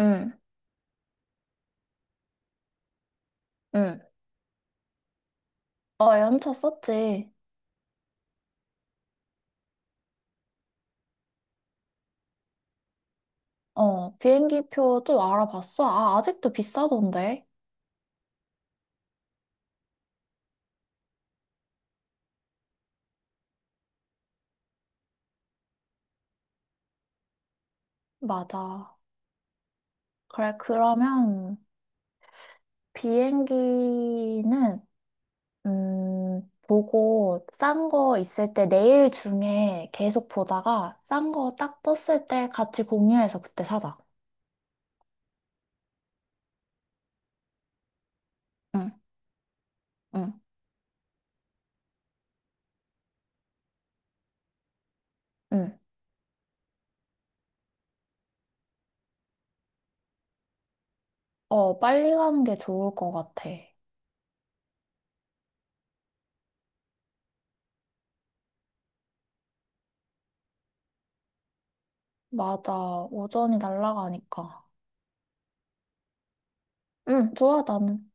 응, 응. 어, 연차 썼지. 어, 비행기표 좀 알아봤어. 아, 아직도 비싸던데. 맞아. 그래, 그러면 비행기는, 보고 싼 거 있을 때 내일 중에 계속 보다가 싼 거 딱 떴을 때 같이 공유해서 그때 사자. 응, 응, 응. 어, 빨리 가는 게 좋을 것 같아. 맞아. 오전이 날아가니까. 응, 좋아, 나는.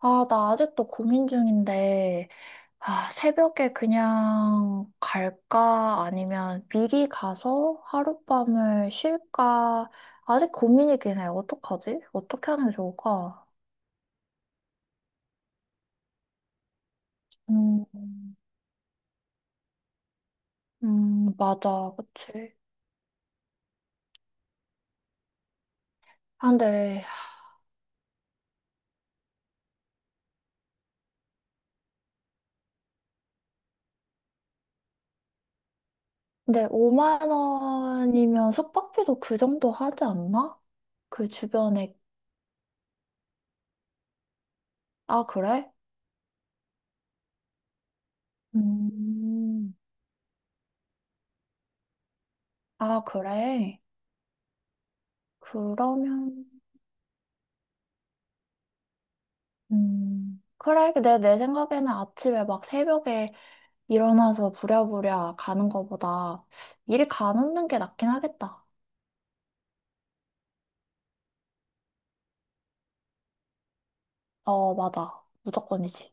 아, 나 아직도 고민 중인데, 아, 새벽에 그냥 갈까? 아니면 미리 가서 하룻밤을 쉴까? 아직 고민이긴 해. 어떡하지? 어떻게 하는 게 좋을까? 음, 맞아. 그치. 아, 근데 5만 원이면 숙박비도 그 정도 하지 않나? 그 주변에, 아, 그래? 음, 아, 그래? 그러면, 그래, 내 생각에는 아침에 막 새벽에 일어나서 부랴부랴 가는 거보다 일 가놓는 게 낫긴 하겠다. 어, 맞아. 무조건이지.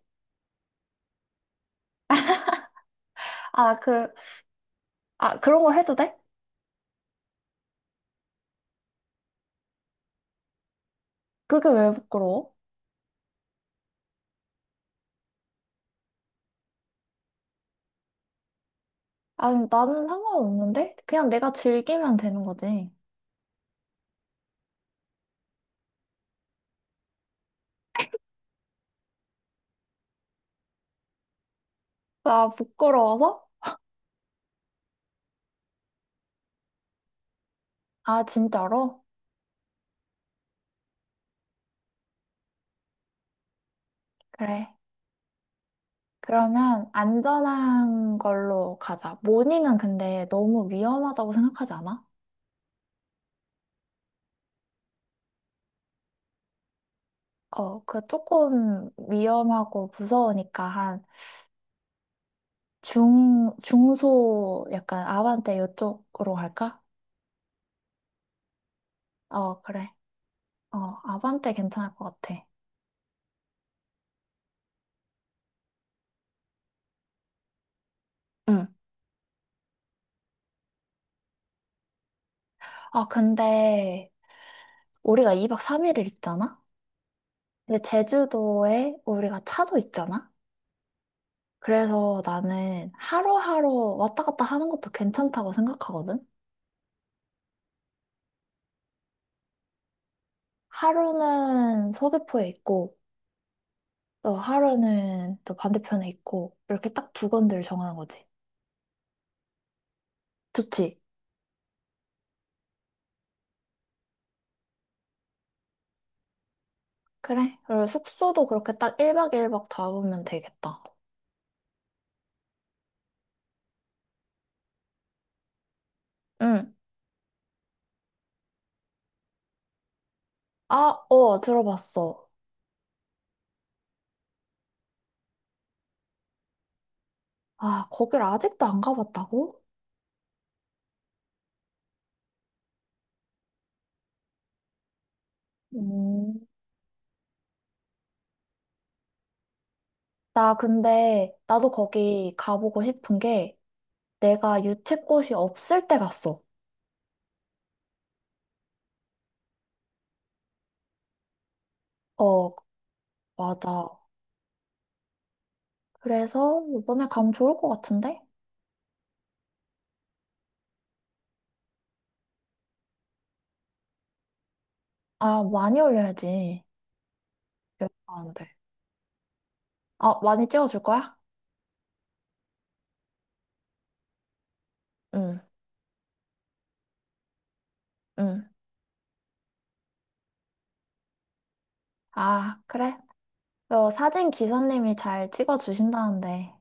아, 그, 아, 그런 거 해도 돼? 그게 왜 부끄러워? 아니, 나는 상관없는데? 그냥 내가 즐기면 되는 거지. 아 부끄러워서? 아, 진짜로? 그래. 그러면 안전한 걸로 가자. 모닝은 근데 너무 위험하다고 생각하지 않아? 어, 그 조금 위험하고 무서우니까 한 중소 약간 아반떼 이쪽으로 갈까? 어, 그래. 어, 아반떼 괜찮을 것 같아. 응. 아, 근데 우리가 2박 3일을 있잖아? 근데 제주도에 우리가 차도 있잖아? 그래서 나는 하루하루 왔다 갔다 하는 것도 괜찮다고 생각하거든? 하루는 서귀포에 있고, 또 하루는 또 반대편에 있고, 이렇게 딱 두 건들 정하는 거지. 좋지? 그래. 그리고 숙소도 그렇게 딱 1박 일박 잡으면 되겠다. 응. 아, 어, 들어봤어. 아, 거길 아직도 안 가봤다고? 음. 나 근데, 나도 거기 가보고 싶은 게, 내가 유채꽃이 없을 때 갔어. 어, 맞아. 그래서 이번에 가면 좋을 것 같은데? 아, 많이 올려야지. 여기 가는데. 아, 많이 찍어줄 거야? 응, 응. 아, 그래. 어, 사진 기사님이 잘 찍어주신다는데.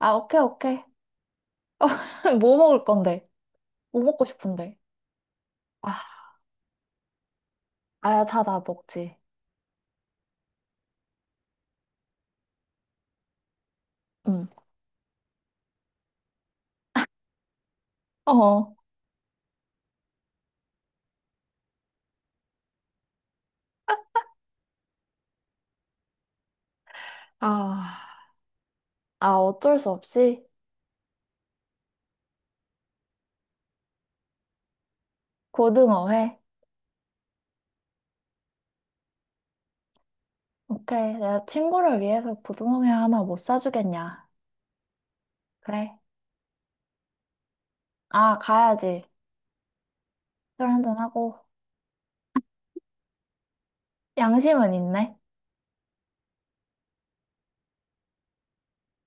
아, 오케이, 오케이. 뭐 먹을 건데? 뭐 먹고 싶은데? 아, 아야 다다 먹지. 응. 어. 아, 아, 어쩔 수 없이 고등어회. 오케이. 내가 친구를 위해서 고등어회 하나 못 사주겠냐. 그래. 아, 가야지. 술 한잔하고. 양심은 있네.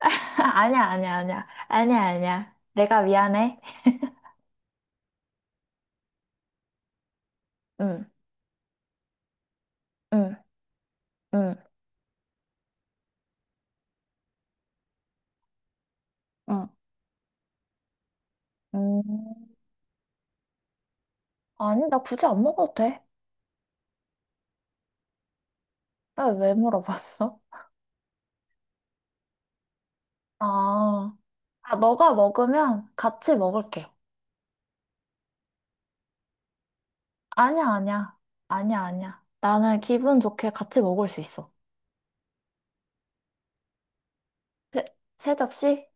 아니야, 아니야, 아니야. 아니야, 아니야. 내가 미안해. 응, 응, 응, 응. 음, 아니, 나 굳이 안 먹어도 돼. 나 왜 물어봤어? 아. 아, 너가 먹으면 같이 먹을게. 아니야, 아니야. 아니야, 아니야. 나는 기분 좋게 같이 먹을 수 있어. 세, 세 접시?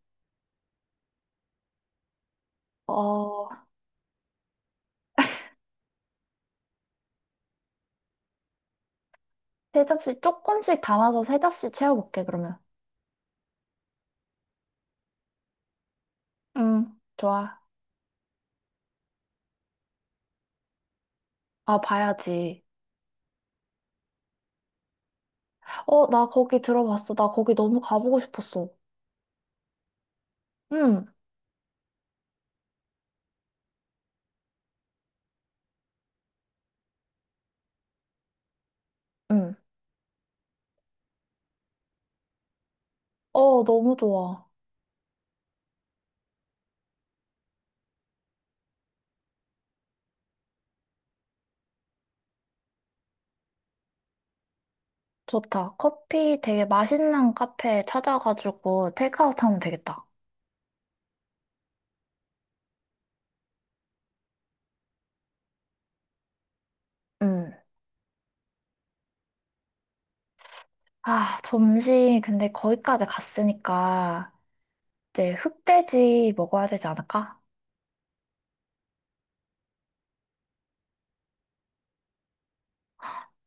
어, 세 접시 조금씩 담아서 세 접시 채워볼게, 그러면. 응, 좋아. 아, 봐야지. 어, 나 거기 들어봤어. 나 거기 너무 가보고 싶었어. 응, 응. 어, 너무 좋아. 좋다. 커피 되게 맛있는 카페 찾아가지고 테이크아웃 하면 되겠다. 응. 아, 점심 근데 거기까지 갔으니까. 이제 흑돼지 먹어야 되지 않을까?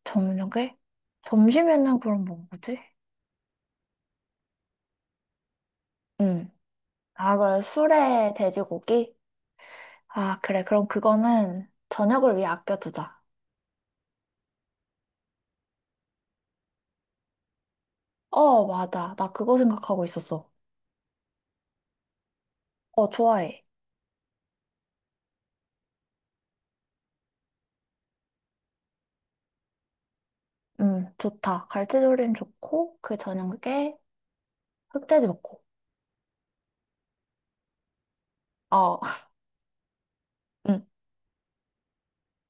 저녁에 점심에는 그럼 뭐 먹지? 응. 아, 그래. 술에 돼지고기? 아, 그래. 그럼 그거는 저녁을 위해 아껴두자. 어, 맞아. 나 그거 생각하고 있었어. 어, 좋아해. 응, 좋다. 갈치조림 좋고, 그 저녁에 흑돼지 먹고. 어, 응,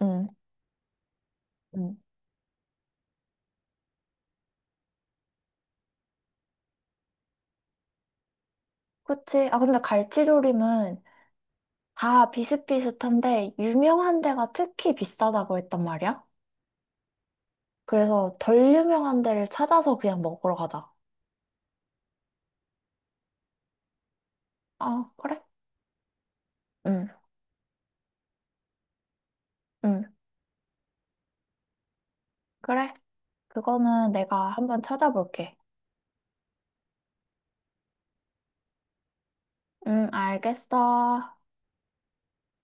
응, 응. 그치? 아, 근데 갈치조림은 다 비슷비슷한데, 유명한 데가 특히 비싸다고 했단 말이야? 그래서 덜 유명한 데를 찾아서 그냥 먹으러 가자. 아, 그래? 응, 응, 그래. 그거는 내가 한번 찾아볼게. 응, 알겠어.